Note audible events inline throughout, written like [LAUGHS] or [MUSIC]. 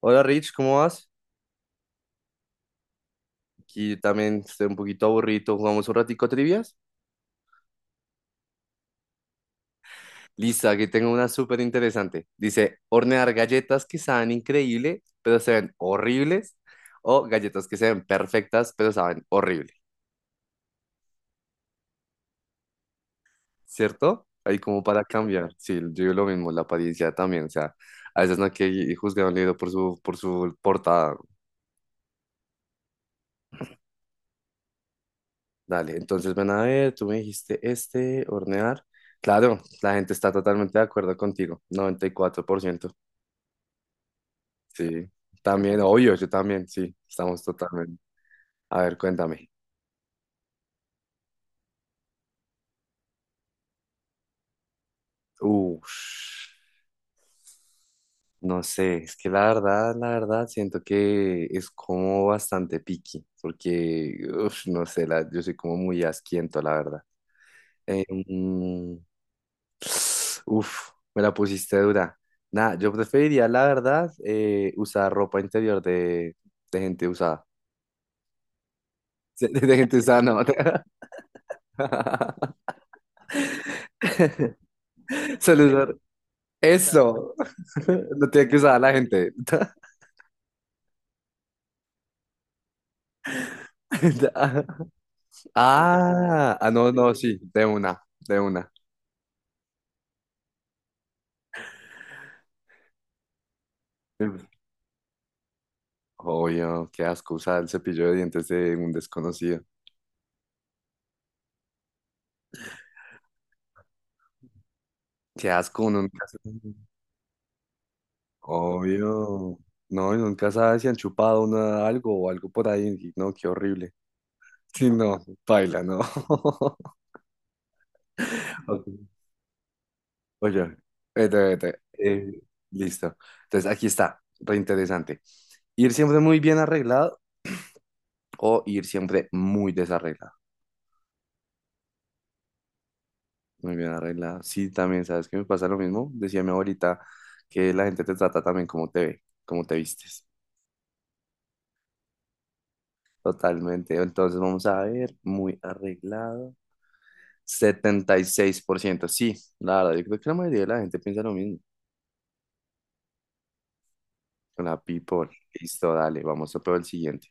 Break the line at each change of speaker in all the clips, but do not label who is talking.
Hola Rich, ¿cómo vas? Aquí también estoy un poquito aburrido. ¿Jugamos un ratico trivias? Lista, aquí tengo una súper interesante. Dice, hornear galletas que saben increíble, pero se ven horribles, o galletas que se ven perfectas, pero saben horrible, ¿cierto? Ahí como para cambiar. Sí, yo digo lo mismo, la apariencia también. O sea, a veces no hay que juzgar un libro por su portada. Dale, entonces ven a ver, tú me dijiste este, hornear. Claro, la gente está totalmente de acuerdo contigo, noventa y cuatro por ciento. Sí, también, obvio, yo también, sí, estamos totalmente. A ver, cuéntame. Uf, no sé, es que la verdad, siento que es como bastante picky, porque, uf, no sé, yo soy como muy asquiento, la verdad. Eh, mm, Uf, me la pusiste dura. Nada, yo preferiría, la verdad, usar ropa interior de gente usada. [LAUGHS] De, gente usada, no. [LAUGHS] Solo usar, eso. [LAUGHS] Lo tiene que usar la gente. [LAUGHS] Ah, ah, no, no, sí, de una, de una. Obvio, qué asco usar el cepillo de dientes de un desconocido. Qué asco, uno nunca sabe. Obvio. No, y nunca sabe si han chupado uno algo o algo por ahí. Y no, qué horrible. Sí, no, baila, no. [LAUGHS] Ok. Oye, vete, vete. Listo. Entonces, aquí está, reinteresante. Ir siempre muy bien arreglado o ir siempre muy desarreglada, muy bien arreglada. Sí, también, ¿sabes qué me pasa lo mismo? Decía mi abuelita que la gente te trata también como te ve, como te vistes. Totalmente. Entonces vamos a ver, muy arreglado. Setenta y seis por ciento sí, la verdad, yo creo que la mayoría de la gente piensa lo mismo. La people, listo, dale, vamos a probar el siguiente.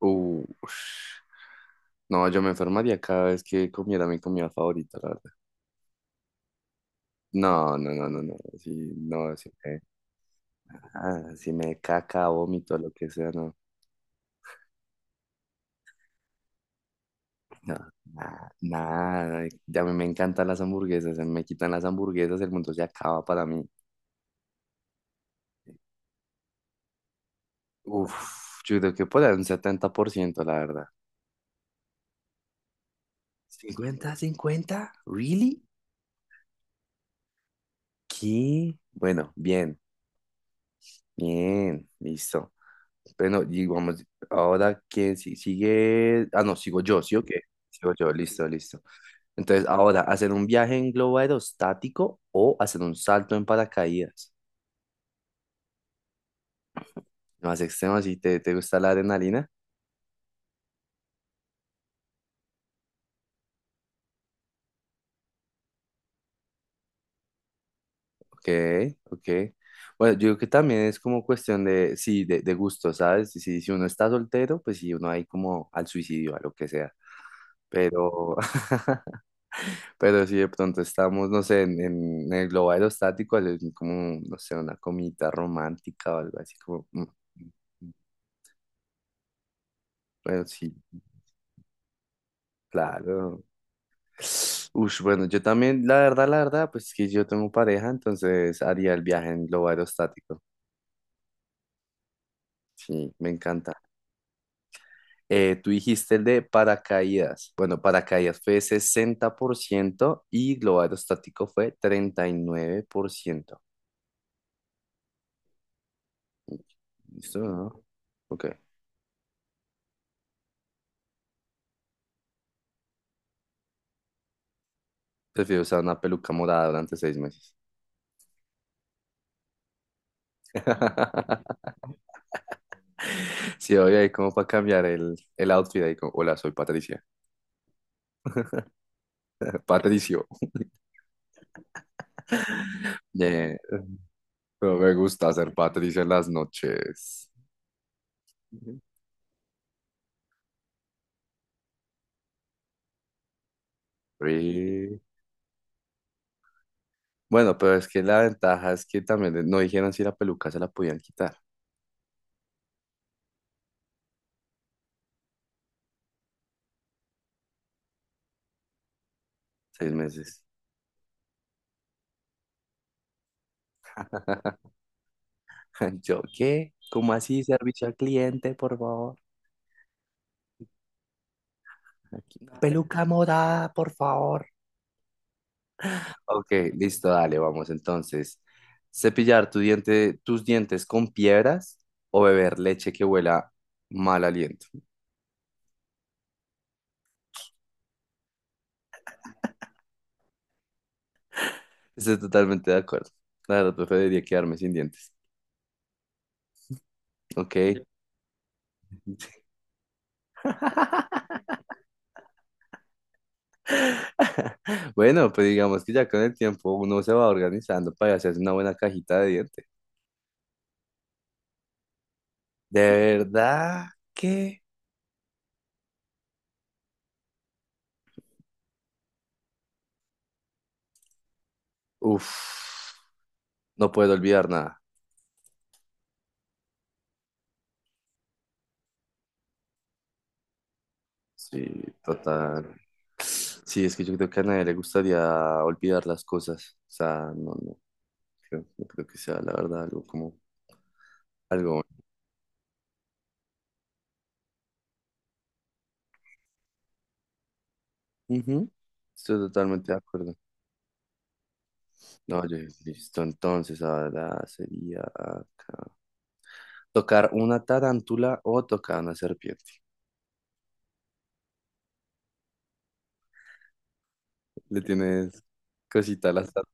Uh, no, yo me enfermaría cada vez que comiera mi comida favorita, la verdad. No, no, no, no, no, sí, no, sí, si me caca, vómito, lo que sea, no. No, nada, nada. Ya me encantan las hamburguesas. Se me quitan las hamburguesas, el mundo se acaba para mí. Uf, yo creo que por ahí un 70%, la verdad. ¿50, 50-50 really? ¿Qué? Bueno, bien, bien, listo. Bueno, y vamos, ahora quién sigue. Ah, no, sigo yo, ¿sí o qué? Sigo yo, listo, listo. Entonces, ahora, ¿hacer un viaje en globo aerostático o hacer un salto en paracaídas? Más extremo, si te gusta la adrenalina. Ok, ok. Bueno, yo creo que también es como cuestión de, sí, de gusto, ¿sabes? Si uno está soltero, pues sí, uno ahí como al suicidio, a lo que sea. Pero, [LAUGHS] pero si de pronto estamos, no sé, el globo aerostático, como, no sé, una comidita romántica o algo así, como, mm, bueno, sí, claro. Ush, bueno, yo también, la verdad, pues que yo tengo pareja, entonces haría el viaje en globo aerostático. Sí, me encanta. Tú dijiste el de paracaídas. Bueno, paracaídas fue 60% y globo aerostático fue 39%. ¿Listo? ¿No? Ok. Prefiero usar una peluca morada durante 6 meses. [LAUGHS] Sí, oye, ahí como para cambiar el outfit. Ahí como, hola, soy Patricia. [LAUGHS] Patricio. Yeah. No me gusta ser Patricia en las noches. Free. Bueno, pero es que la ventaja es que también no dijeron si la peluca se la podían quitar. 6 meses. [LAUGHS] Yo, ¿qué? ¿Cómo así? Servicio al cliente, por favor. Aquí, una peluca morada, por favor. Ok, listo, dale, vamos entonces. Cepillar tus dientes con piedras o beber leche que huela mal aliento. Estoy totalmente de acuerdo. La verdad, preferiría quedarme sin dientes. Ok. [LAUGHS] Bueno, pues digamos que ya con el tiempo uno se va organizando para hacerse una buena cajita de dientes. De verdad que... Uf, no puedo olvidar nada. Sí, total. Sí, es que yo creo que a nadie le gustaría olvidar las cosas. O sea, no, no, no creo que sea la verdad algo como algo. Bueno. Ujú, estoy totalmente de acuerdo. No, yo listo. Entonces, ahora sería acá. Tocar una tarántula o tocar una serpiente. Le tienes cosita a las tar-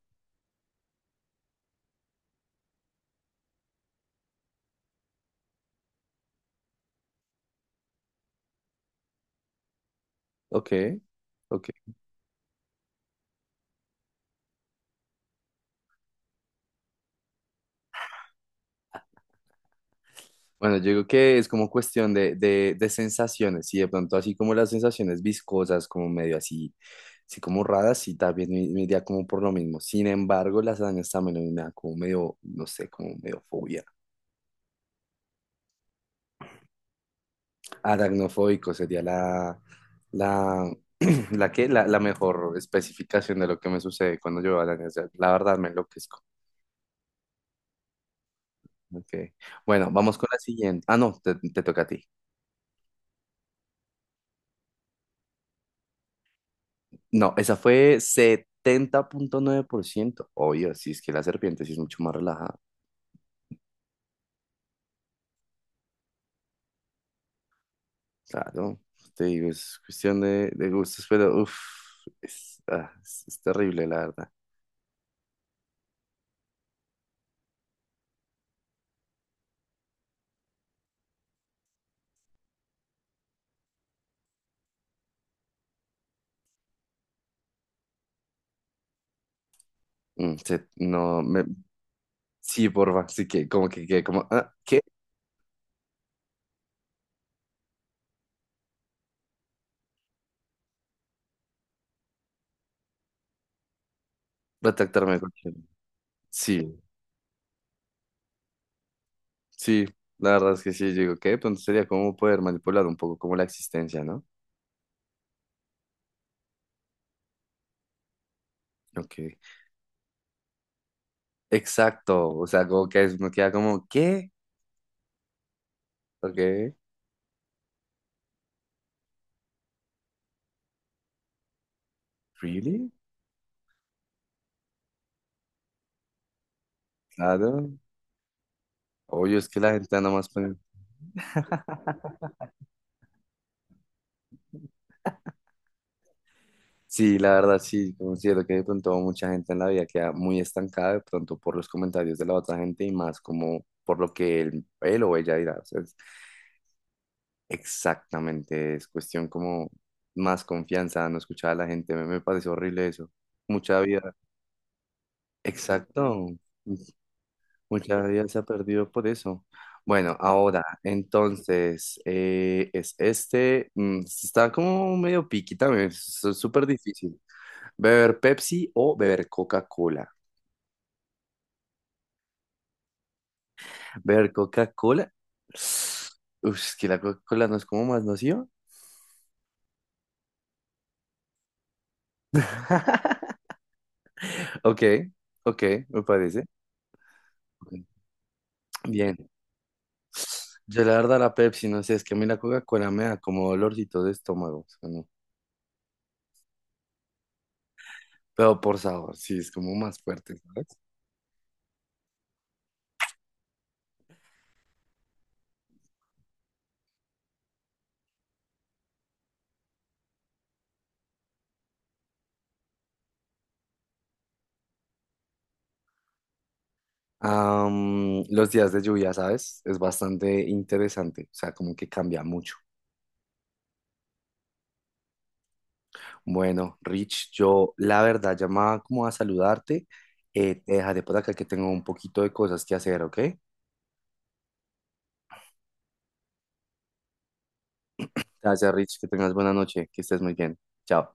Ok, ok. Bueno, yo digo que es como cuestión de sensaciones, y de pronto así como las sensaciones viscosas, como medio así, así como raras, sí, también me iría como por lo mismo. Sin embargo, las arañas también me dan como medio, no sé, como medio fobia. Aracnofóbico sería la, [CLEARS THROAT] la mejor especificación de lo que me sucede cuando yo veo arañas. O sea, la verdad me enloquezco. Ok. Bueno, vamos con la siguiente. Ah, no, te toca a ti. No, esa fue 70.9%. Obvio, si es que la serpiente sí es mucho más relajada. Claro, te digo, es cuestión de gustos, pero uff, es terrible, la verdad. No, me, sí, porfa, sí que como, ¿qué? Retractarme. Sí, sí, la verdad es que sí, yo digo, ¿qué? Pues entonces sería como poder manipular un poco como la existencia, ¿no? Ok, exacto, o sea, como que me queda como, ¿qué? Ok, ¿really? Claro. Obvio, es que la gente anda más con... Sí, la verdad, sí, considero que de pronto mucha gente en la vida queda muy estancada de pronto por los comentarios de la otra gente y más como por lo que él o ella dirá. O sea, exactamente, es cuestión como más confianza, no escuchar a la gente. Me parece horrible eso. Mucha vida, exacto, mucha vida se ha perdido por eso. Bueno, ahora, entonces, es este, está como medio piqui también, es súper difícil. ¿Beber Pepsi o beber Coca-Cola? ¿Beber Coca-Cola? Uf, es que la Coca-Cola no es como más nociva. [LAUGHS] Ok, ok, me parece. Ok. Bien. Yo la verdad la Pepsi, no sé, es que a mí la Coca-Cola me da como dolorcito de estómago. O sea, no. Pero por sabor, sí, es como más fuerte, ¿sabes? Los días de lluvia, ¿sabes? Es bastante interesante, o sea, como que cambia mucho. Bueno, Rich, yo la verdad llamaba como a saludarte. Te dejaré por acá que tengo un poquito de cosas que hacer, ¿ok? Gracias, Rich, que tengas buena noche, que estés muy bien. Chao.